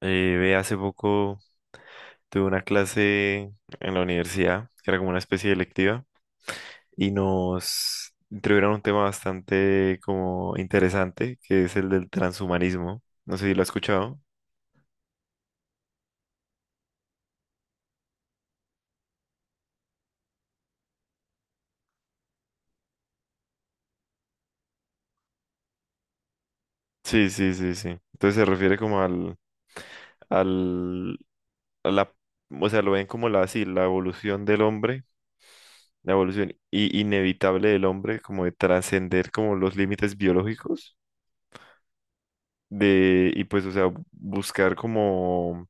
Hace poco tuve una clase en la universidad, que era como una especie de electiva, y nos introdujeron un tema bastante como interesante, que es el del transhumanismo. No sé si lo has escuchado. Sí, sí, sí, sí. Entonces se refiere como al, a la, o sea, lo ven como la, sí, la evolución del hombre, la evolución inevitable del hombre, como de trascender como los límites biológicos, de, y pues, o sea, buscar como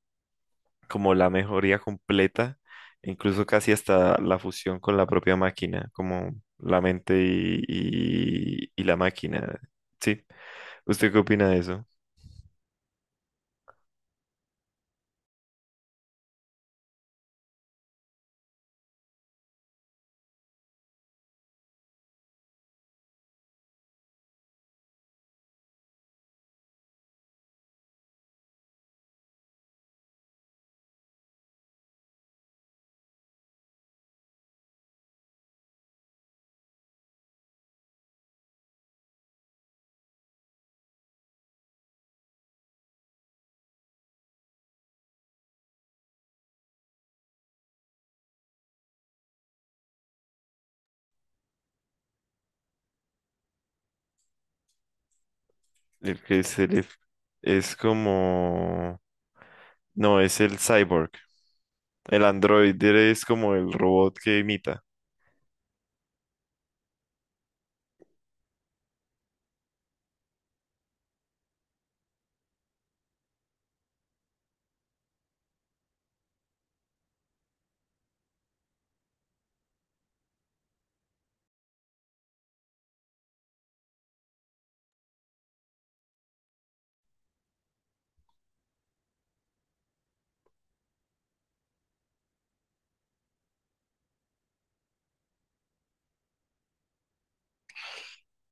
la mejoría completa, incluso casi hasta la fusión con la propia máquina, como la mente y la máquina. ¿Sí? ¿Usted qué opina de eso? El que se le- Es como... No, es el cyborg. El androide es como el robot que imita.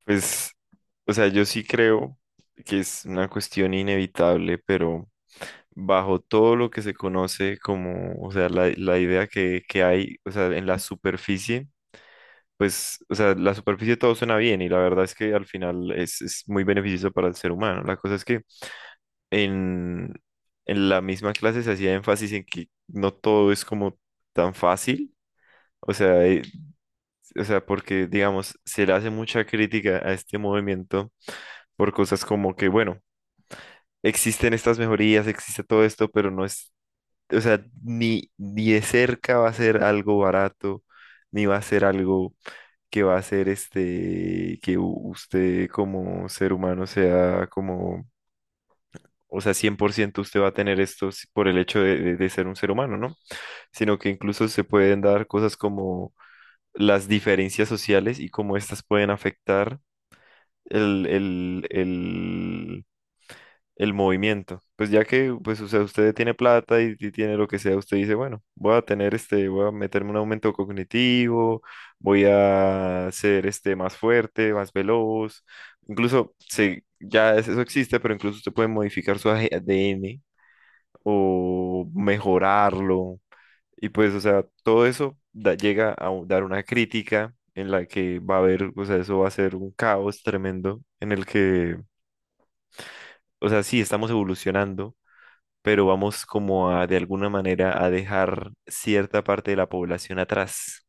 Pues, o sea, yo sí creo que es una cuestión inevitable, pero... bajo todo lo que se conoce como, o sea, la idea que hay, o sea, en la superficie, pues, o sea, la superficie todo suena bien y la verdad es que al final es muy beneficioso para el ser humano. La cosa es que en, en la misma clase se hacía énfasis en que no todo es como tan fácil, o sea, eh, o sea, porque, digamos, se le hace mucha crítica a este movimiento por cosas como que, bueno, existen estas mejorías, existe todo esto, pero no es o sea, ni, ni de cerca va a ser algo barato, ni va a ser algo que va a ser este, que usted como ser humano sea como, o sea, 100% usted va a tener esto por el hecho de, de ser un ser humano, ¿no? Sino que incluso se pueden dar cosas como las diferencias sociales y cómo estas pueden afectar el, el, el el movimiento. Pues ya que, pues, o sea, usted tiene plata y tiene lo que sea, usted dice, bueno, voy a tener este, voy a meterme un aumento cognitivo, voy a ser este más fuerte, más veloz. Incluso se, eso existe, pero incluso usted puede modificar su ADN o mejorarlo. Y pues, o sea, todo eso llega a dar una crítica en la que va a haber, o sea, eso va a ser un caos tremendo en el que, o sea, sí, estamos evolucionando pero vamos como a de alguna manera a dejar cierta parte de la población atrás,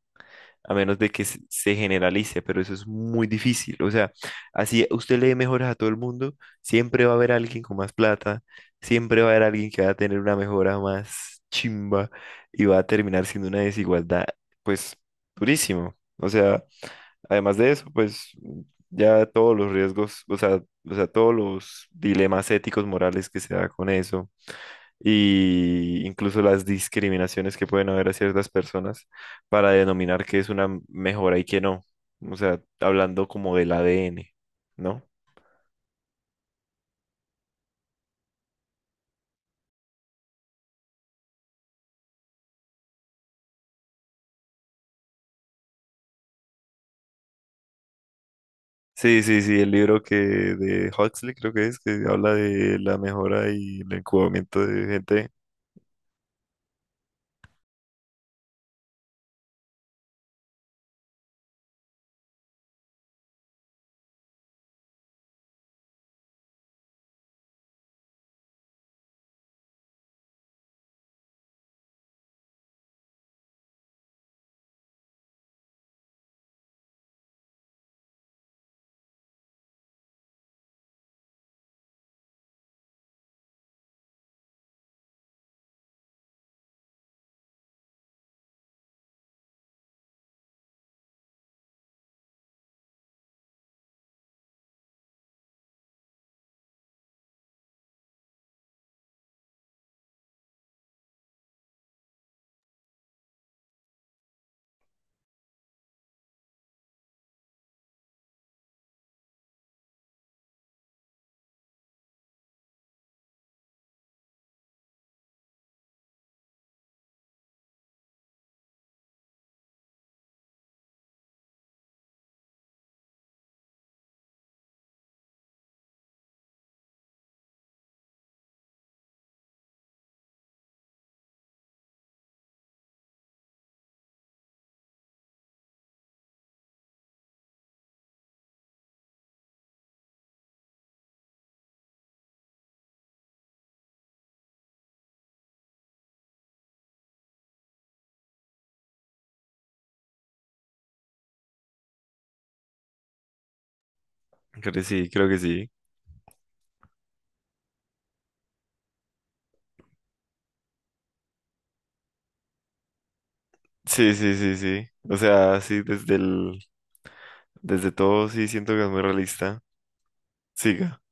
a menos de que se generalice, pero eso es muy difícil. O sea, así usted le dé mejoras a todo el mundo, siempre va a haber alguien con más plata, siempre va a haber alguien que va a tener una mejora más chimba y va a terminar siendo una desigualdad, pues, durísimo. O sea, además de eso, pues... Ya todos los riesgos, o sea, todos los dilemas éticos, morales que se da con eso, y incluso las discriminaciones que pueden haber a ciertas personas para denominar qué es una mejora y qué no. O sea, hablando como del ADN, ¿no? Sí, sí, sí, el libro que de Huxley creo que es, que habla de la mejora y el incubamiento de gente. Creo que sí, creo que sí. Sí, sí, sí, sí. O sea, sí, desde todo sí siento que es muy realista. Siga.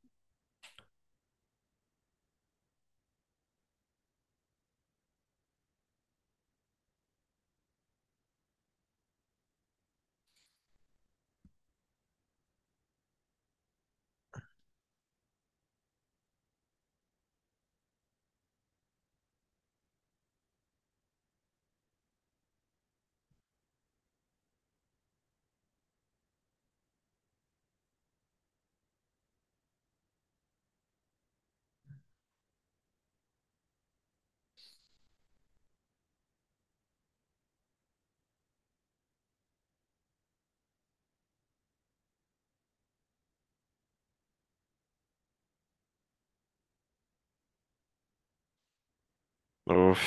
Uf.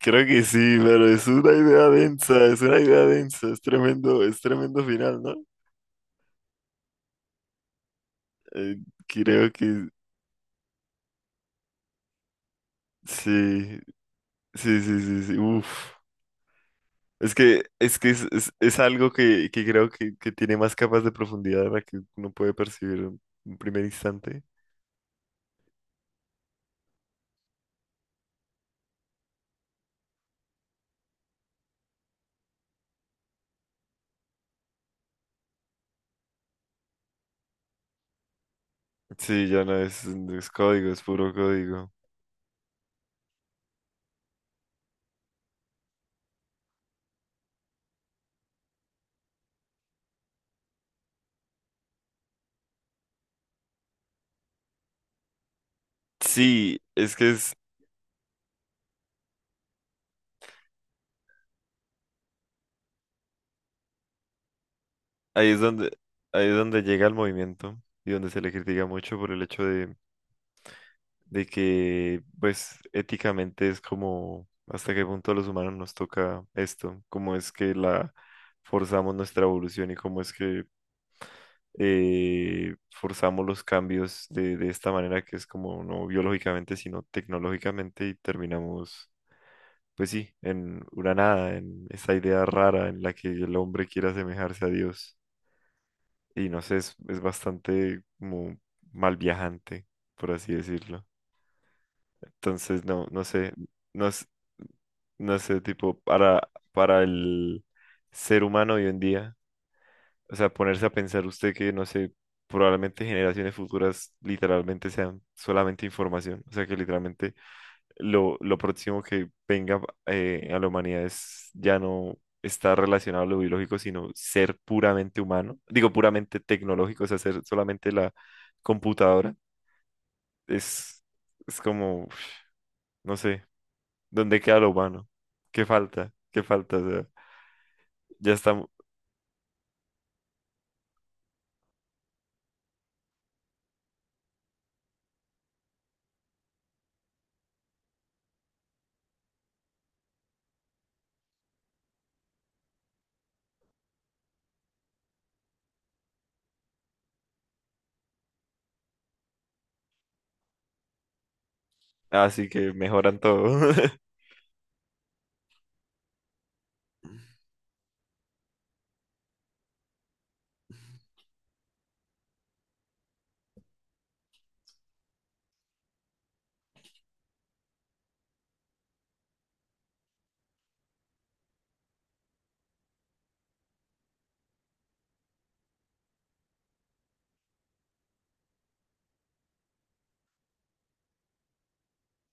Creo que sí, pero es una idea densa, es una idea densa, es tremendo final, ¿no? Eh, Creo que sí, sí, sí, sí, sí, uf. Es algo que creo que tiene más capas de profundidad de la que uno puede percibir en un primer instante. Sí, ya no es, es código, es puro código. Sí, es que es, ahí es donde, ahí es donde llega el movimiento y donde se le critica mucho por el hecho de que, pues, éticamente es como hasta qué punto a los humanos nos toca esto, cómo es que la forzamos nuestra evolución y cómo es que forzamos los cambios de esta manera que es como no biológicamente, sino tecnológicamente y terminamos, pues sí, en una nada, en esa idea rara en la que el hombre quiere asemejarse a Dios. Y no sé, es bastante como mal viajante, por así decirlo. Entonces, no, no sé, no, no sé, tipo, para el ser humano hoy en día. O sea, ponerse a pensar usted que, no sé, probablemente generaciones futuras literalmente sean solamente información. O sea, que literalmente lo próximo que venga a la humanidad es ya no estar relacionado a lo biológico, sino ser puramente humano. Digo, puramente tecnológico, o sea, ser solamente la computadora. Es, es como, uf, no sé, ¿dónde queda lo humano? ¿Qué falta? ¿Qué falta? O sea, ya está, así que mejoran todo.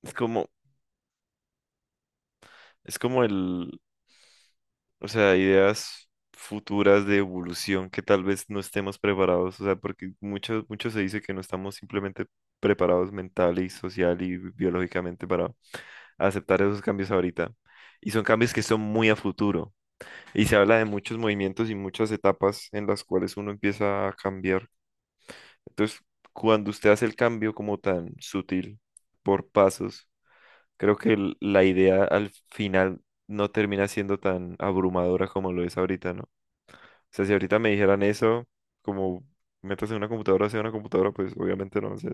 Es como, es como el, o sea, ideas futuras de evolución que tal vez no estemos preparados, o sea, porque mucho, mucho se dice que no estamos simplemente preparados mental y social y biológicamente para aceptar esos cambios ahorita. Y son cambios que son muy a futuro. Y se habla de muchos movimientos y muchas etapas en las cuales uno empieza a cambiar. Entonces, cuando usted hace el cambio como tan sutil, por pasos, creo que la idea al final no termina siendo tan abrumadora como lo es ahorita, ¿no? O sea, si ahorita me dijeran eso, como métase en una computadora, sea una computadora, pues obviamente no. O sea,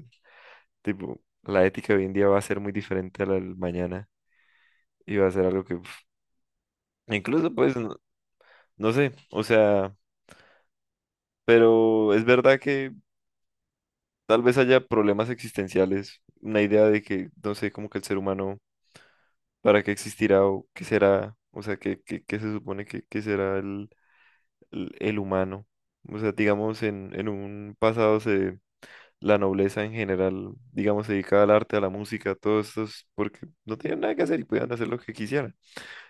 tipo, la ética de hoy en día va a ser muy diferente a la del mañana y va a ser algo que, uf, incluso, pues, no, no sé, o sea, pero es verdad que tal vez haya problemas existenciales, una idea de que, no sé, como que el ser humano, ¿para qué existirá o qué será? O sea, ¿qué, qué, qué se supone que será el el humano. O sea, digamos, en un pasado se, la nobleza en general, digamos, se dedicaba al arte, a la música, todo esto porque no tenían nada que hacer y podían hacer lo que quisieran.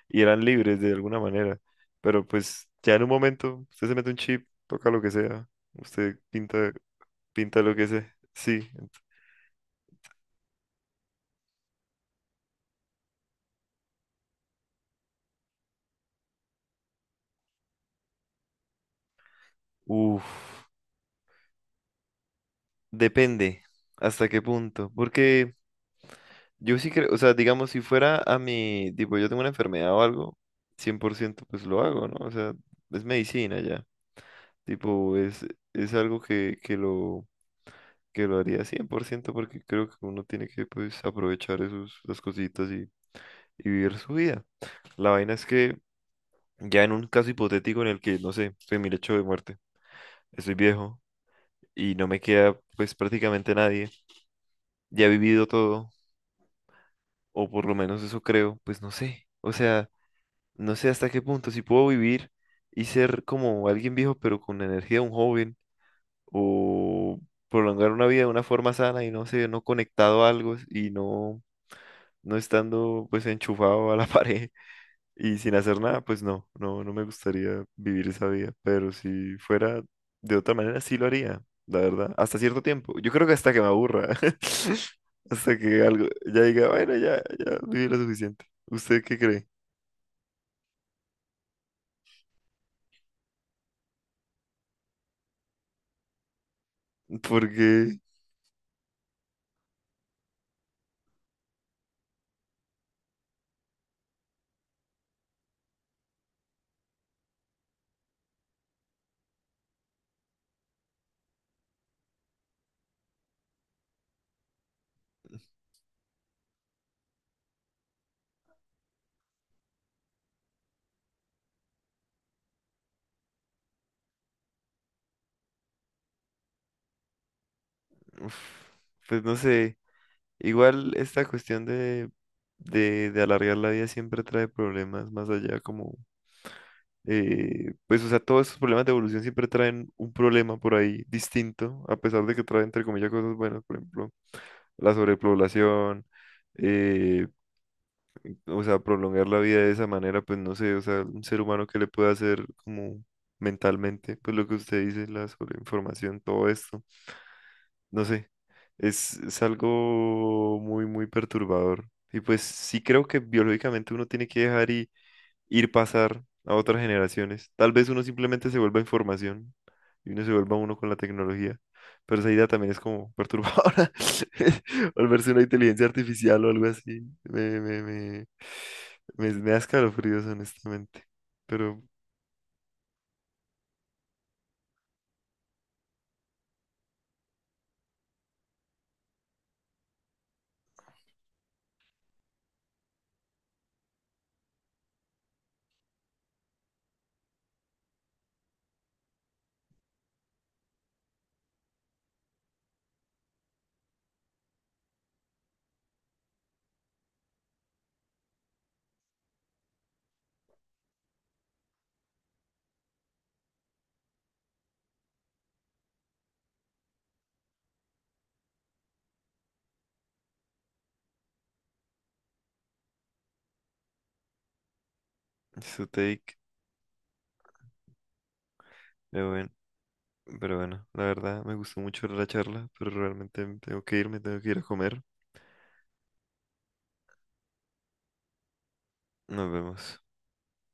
Y eran libres de alguna manera. Pero pues ya en un momento, usted se mete un chip, toca lo que sea, usted pinta, pinta lo que sea. Sí. ent- Uf, depende hasta qué punto. Porque yo sí creo, o sea, digamos, si fuera a mi, tipo, yo tengo una enfermedad o algo, 100%, pues lo hago, ¿no? O sea, es medicina ya. Tipo, es algo que, que lo haría 100%, porque creo que uno tiene que, pues, aprovechar esos, las cositas y vivir su vida. La vaina es que ya en un caso hipotético en el que, no sé, estoy en mi lecho de muerte, estoy viejo y no me queda, pues, prácticamente nadie, ya he vivido todo, o por lo menos eso creo, pues no sé. O sea... No sé hasta qué punto, si puedo vivir y ser como alguien viejo, pero con la energía de un joven, o prolongar una vida de una forma sana y no sé, no conectado a algo y no, no estando pues enchufado a la pared y sin hacer nada, pues no, no, no me gustaría vivir esa vida, pero si fuera de otra manera, sí lo haría, la verdad, hasta cierto tiempo. Yo creo que hasta que me aburra, hasta que algo ya diga, bueno, ya, ya viví lo suficiente. ¿Usted qué cree? Porque... Uf, pues no sé, igual esta cuestión de, de alargar la vida siempre trae problemas más allá como, pues o sea, todos estos problemas de evolución siempre traen un problema por ahí distinto, a pesar de que trae entre comillas cosas buenas, por ejemplo, la sobrepoblación, eh, o sea, prolongar la vida de esa manera, pues no sé, o sea, un ser humano que le puede hacer como mentalmente, pues lo que usted dice, la sobreinformación, todo esto. No sé, es algo muy, muy perturbador. Y pues sí creo que biológicamente uno tiene que dejar y ir pasar a otras generaciones. Tal vez uno simplemente se vuelva información y uno se vuelva uno con la tecnología. Pero esa idea también es como perturbadora. Volverse una inteligencia artificial o algo así. Me da escalofríos, honestamente. Pero, su take, pero bueno. Pero bueno, la verdad me gustó mucho la charla, pero realmente tengo que irme, tengo que ir a comer. Nos vemos.